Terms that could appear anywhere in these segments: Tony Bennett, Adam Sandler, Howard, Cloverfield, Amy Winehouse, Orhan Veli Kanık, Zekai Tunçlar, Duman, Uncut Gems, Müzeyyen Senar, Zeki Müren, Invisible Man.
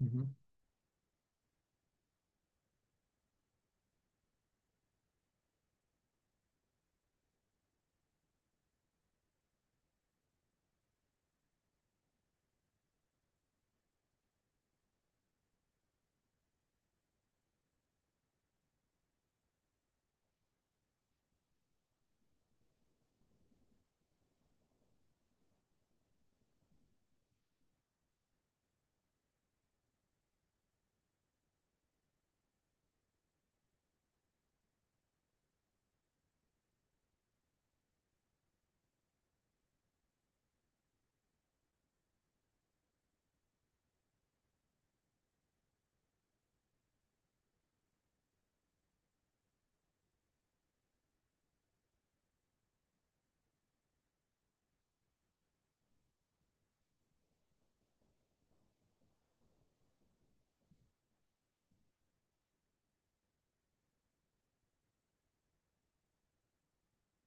Hı hı.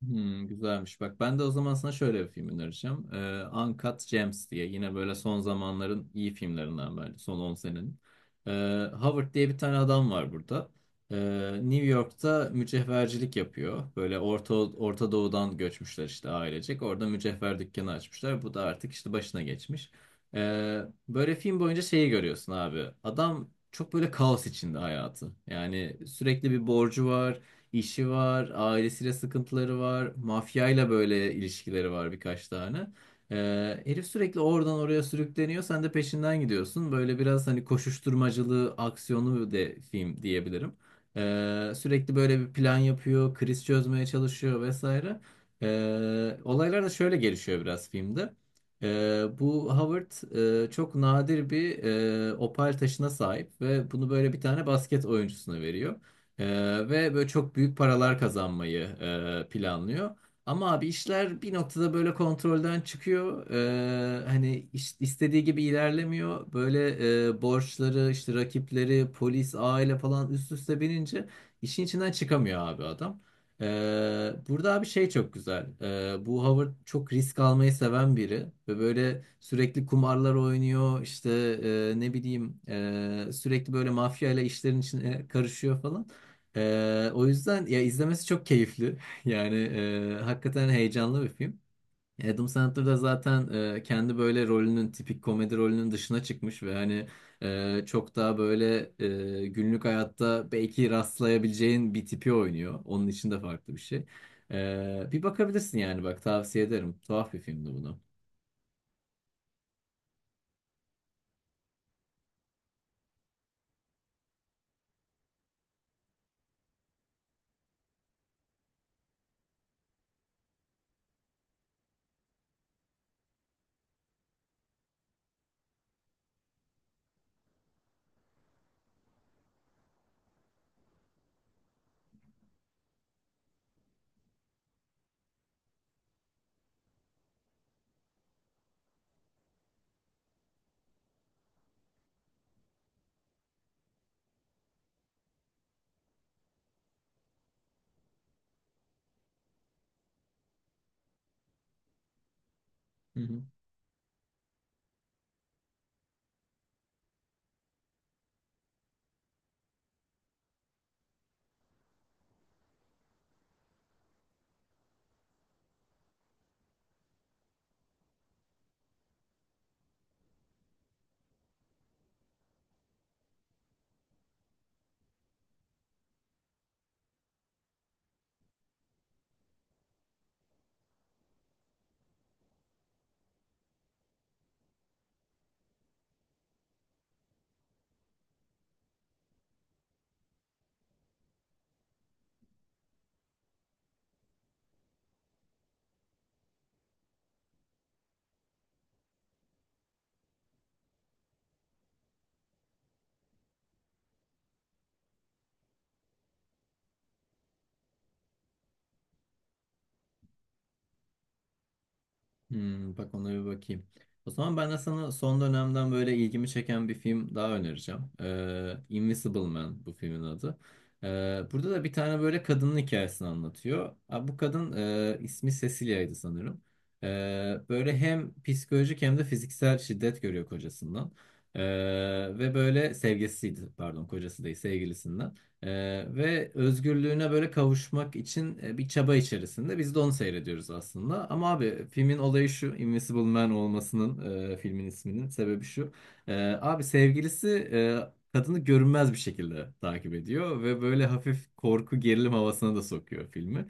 Hmm, güzelmiş. Bak ben de o zaman sana şöyle bir film önereceğim. Uncut Gems diye. Yine böyle son zamanların iyi filmlerinden bence. Son 10 senenin. Howard diye bir tane adam var burada. Ee, New York'ta mücevhercilik yapıyor. Böyle Orta Doğu'dan göçmüşler işte ailecek. Orada mücevher dükkanı açmışlar. Bu da artık işte başına geçmiş. Ee, böyle film boyunca şeyi görüyorsun abi. Adam çok böyle kaos içinde hayatı. Yani sürekli bir borcu var. İşi var, ailesiyle sıkıntıları var, mafyayla böyle ilişkileri var birkaç tane. Herif sürekli oradan oraya sürükleniyor, sen de peşinden gidiyorsun. Böyle biraz hani koşuşturmacılı, aksiyonlu de film diyebilirim. Sürekli böyle bir plan yapıyor, kriz çözmeye çalışıyor vesaire. Olaylar da şöyle gelişiyor biraz filmde. Bu Howard çok nadir bir opal taşına sahip ve bunu böyle bir tane basket oyuncusuna veriyor. Ee, ve böyle çok büyük paralar kazanmayı planlıyor. Ama abi işler bir noktada böyle kontrolden çıkıyor. Hani istediği gibi ilerlemiyor. Böyle borçları, işte rakipleri, polis, aile falan üst üste binince işin içinden çıkamıyor abi adam. Burada abi şey çok güzel. Bu Howard çok risk almayı seven biri ve böyle sürekli kumarlar oynuyor. İşte ne bileyim sürekli böyle mafya ile işlerin içine karışıyor falan. O yüzden ya izlemesi çok keyifli. Yani hakikaten heyecanlı bir film. Adam Sandler da zaten kendi böyle rolünün tipik komedi rolünün dışına çıkmış ve hani çok daha böyle günlük hayatta belki rastlayabileceğin bir tipi oynuyor. Onun için de farklı bir şey. Bir bakabilirsin yani bak tavsiye ederim. Tuhaf bir filmdi bu da. Hı hı. Hmm, bak ona bir bakayım. O zaman ben de sana son dönemden böyle ilgimi çeken bir film daha önereceğim. Invisible Man bu filmin adı. Burada da bir tane böyle kadının hikayesini anlatıyor. Ha, bu kadın ismi Cecilia'ydı sanırım. Böyle hem psikolojik hem de fiziksel şiddet görüyor kocasından. Ee, ve böyle sevgilisiydi pardon kocası değil sevgilisinden. Ve özgürlüğüne böyle kavuşmak için bir çaba içerisinde. Biz de onu seyrediyoruz aslında. Ama abi filmin olayı şu, Invisible Man olmasının filmin isminin sebebi şu. Ee, abi sevgilisi e, kadını görünmez bir şekilde takip ediyor ve böyle hafif korku gerilim havasına da sokuyor filmi.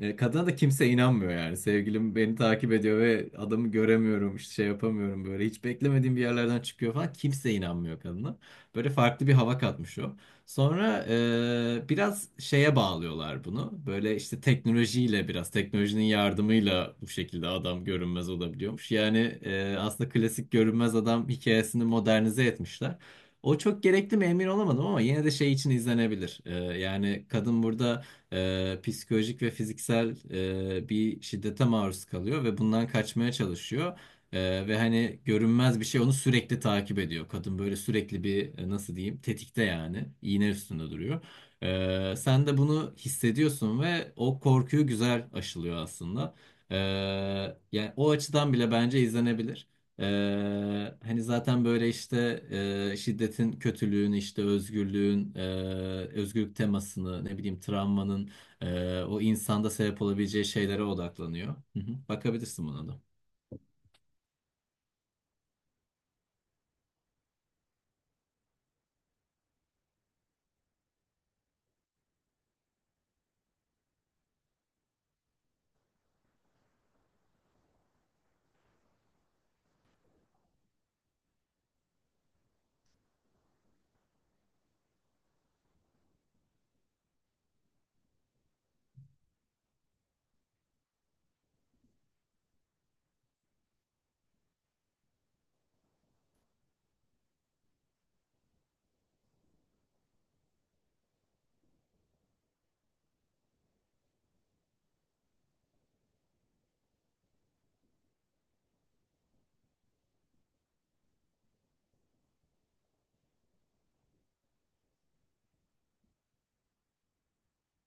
Kadına da kimse inanmıyor yani. Sevgilim beni takip ediyor ve adamı göremiyorum, işte şey yapamıyorum böyle. Hiç beklemediğim bir yerlerden çıkıyor falan. Kimse inanmıyor kadına. Böyle farklı bir hava katmış o. Sonra biraz şeye bağlıyorlar bunu. Böyle işte teknolojiyle biraz teknolojinin yardımıyla bu şekilde adam görünmez olabiliyormuş. Yani aslında klasik görünmez adam hikayesini modernize etmişler. O çok gerekli mi emin olamadım ama yine de şey için izlenebilir. Yani kadın burada psikolojik ve fiziksel bir şiddete maruz kalıyor ve bundan kaçmaya çalışıyor. Ve hani görünmez bir şey onu sürekli takip ediyor. Kadın böyle sürekli bir nasıl diyeyim tetikte yani iğne üstünde duruyor. Sen de bunu hissediyorsun ve o korkuyu güzel aşılıyor aslında. Ee, yani o açıdan bile bence izlenebilir. Hani zaten böyle işte şiddetin kötülüğün işte özgürlüğün özgürlük temasını ne bileyim travmanın o insanda sebep olabileceği şeylere odaklanıyor. Hı hı. Bakabilirsin buna da.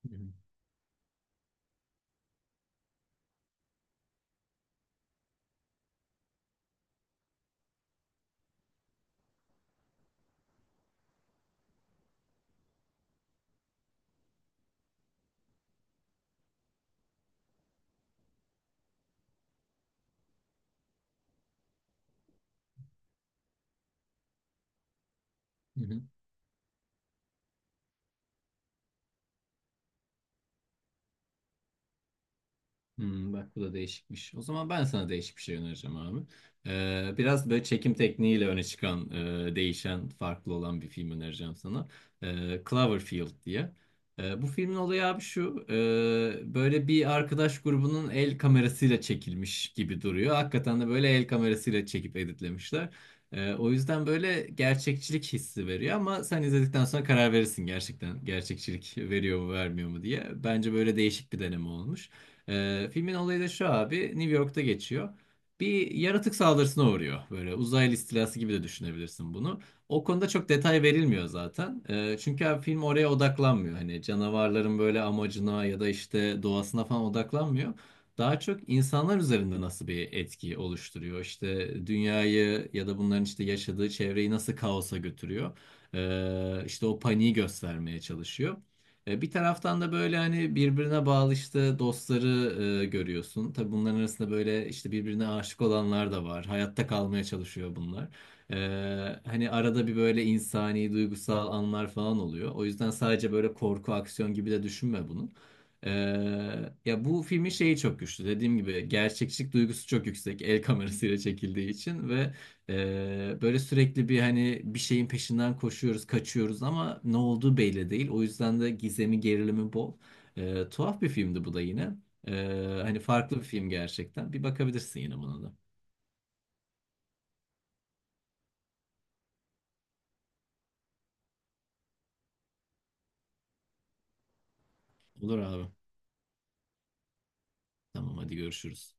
Hı hı. Hmm, bak bu da değişikmiş. O zaman ben sana değişik bir şey önereceğim abi. Biraz böyle çekim tekniğiyle öne çıkan, değişen, farklı olan bir film önereceğim sana. Cloverfield diye. Bu filmin olayı abi şu. Böyle bir arkadaş grubunun el kamerasıyla çekilmiş gibi duruyor. Hakikaten de böyle el kamerasıyla çekip editlemişler. O yüzden böyle gerçekçilik hissi veriyor ama sen izledikten sonra karar verirsin gerçekten gerçekçilik veriyor mu vermiyor mu diye. Bence böyle değişik bir deneme olmuş. Filmin olayı da şu abi. New York'ta geçiyor. Bir yaratık saldırısına uğruyor. Böyle uzaylı istilası gibi de düşünebilirsin bunu. O konuda çok detay verilmiyor zaten. Çünkü abi film oraya odaklanmıyor. Hani canavarların böyle amacına ya da işte doğasına falan odaklanmıyor. Daha çok insanlar üzerinde nasıl bir etki oluşturuyor. İşte dünyayı ya da bunların işte yaşadığı çevreyi nasıl kaosa götürüyor. İşte o paniği göstermeye çalışıyor. Bir taraftan da böyle hani birbirine bağlı işte dostları görüyorsun. Tabii bunların arasında böyle işte birbirine aşık olanlar da var. Hayatta kalmaya çalışıyor bunlar. E, hani arada bir böyle insani, duygusal anlar falan oluyor. O yüzden sadece böyle korku, aksiyon gibi de düşünme bunu. E, ya bu filmin şeyi çok güçlü. Dediğim gibi gerçekçilik duygusu çok yüksek. El kamerasıyla çekildiği için ve böyle sürekli bir hani bir şeyin peşinden koşuyoruz, kaçıyoruz ama ne olduğu belli değil. O yüzden de gizemi, gerilimi bol. Tuhaf bir filmdi bu da yine. Hani farklı bir film gerçekten. Bir bakabilirsin yine buna da. Olur abi. Tamam hadi görüşürüz.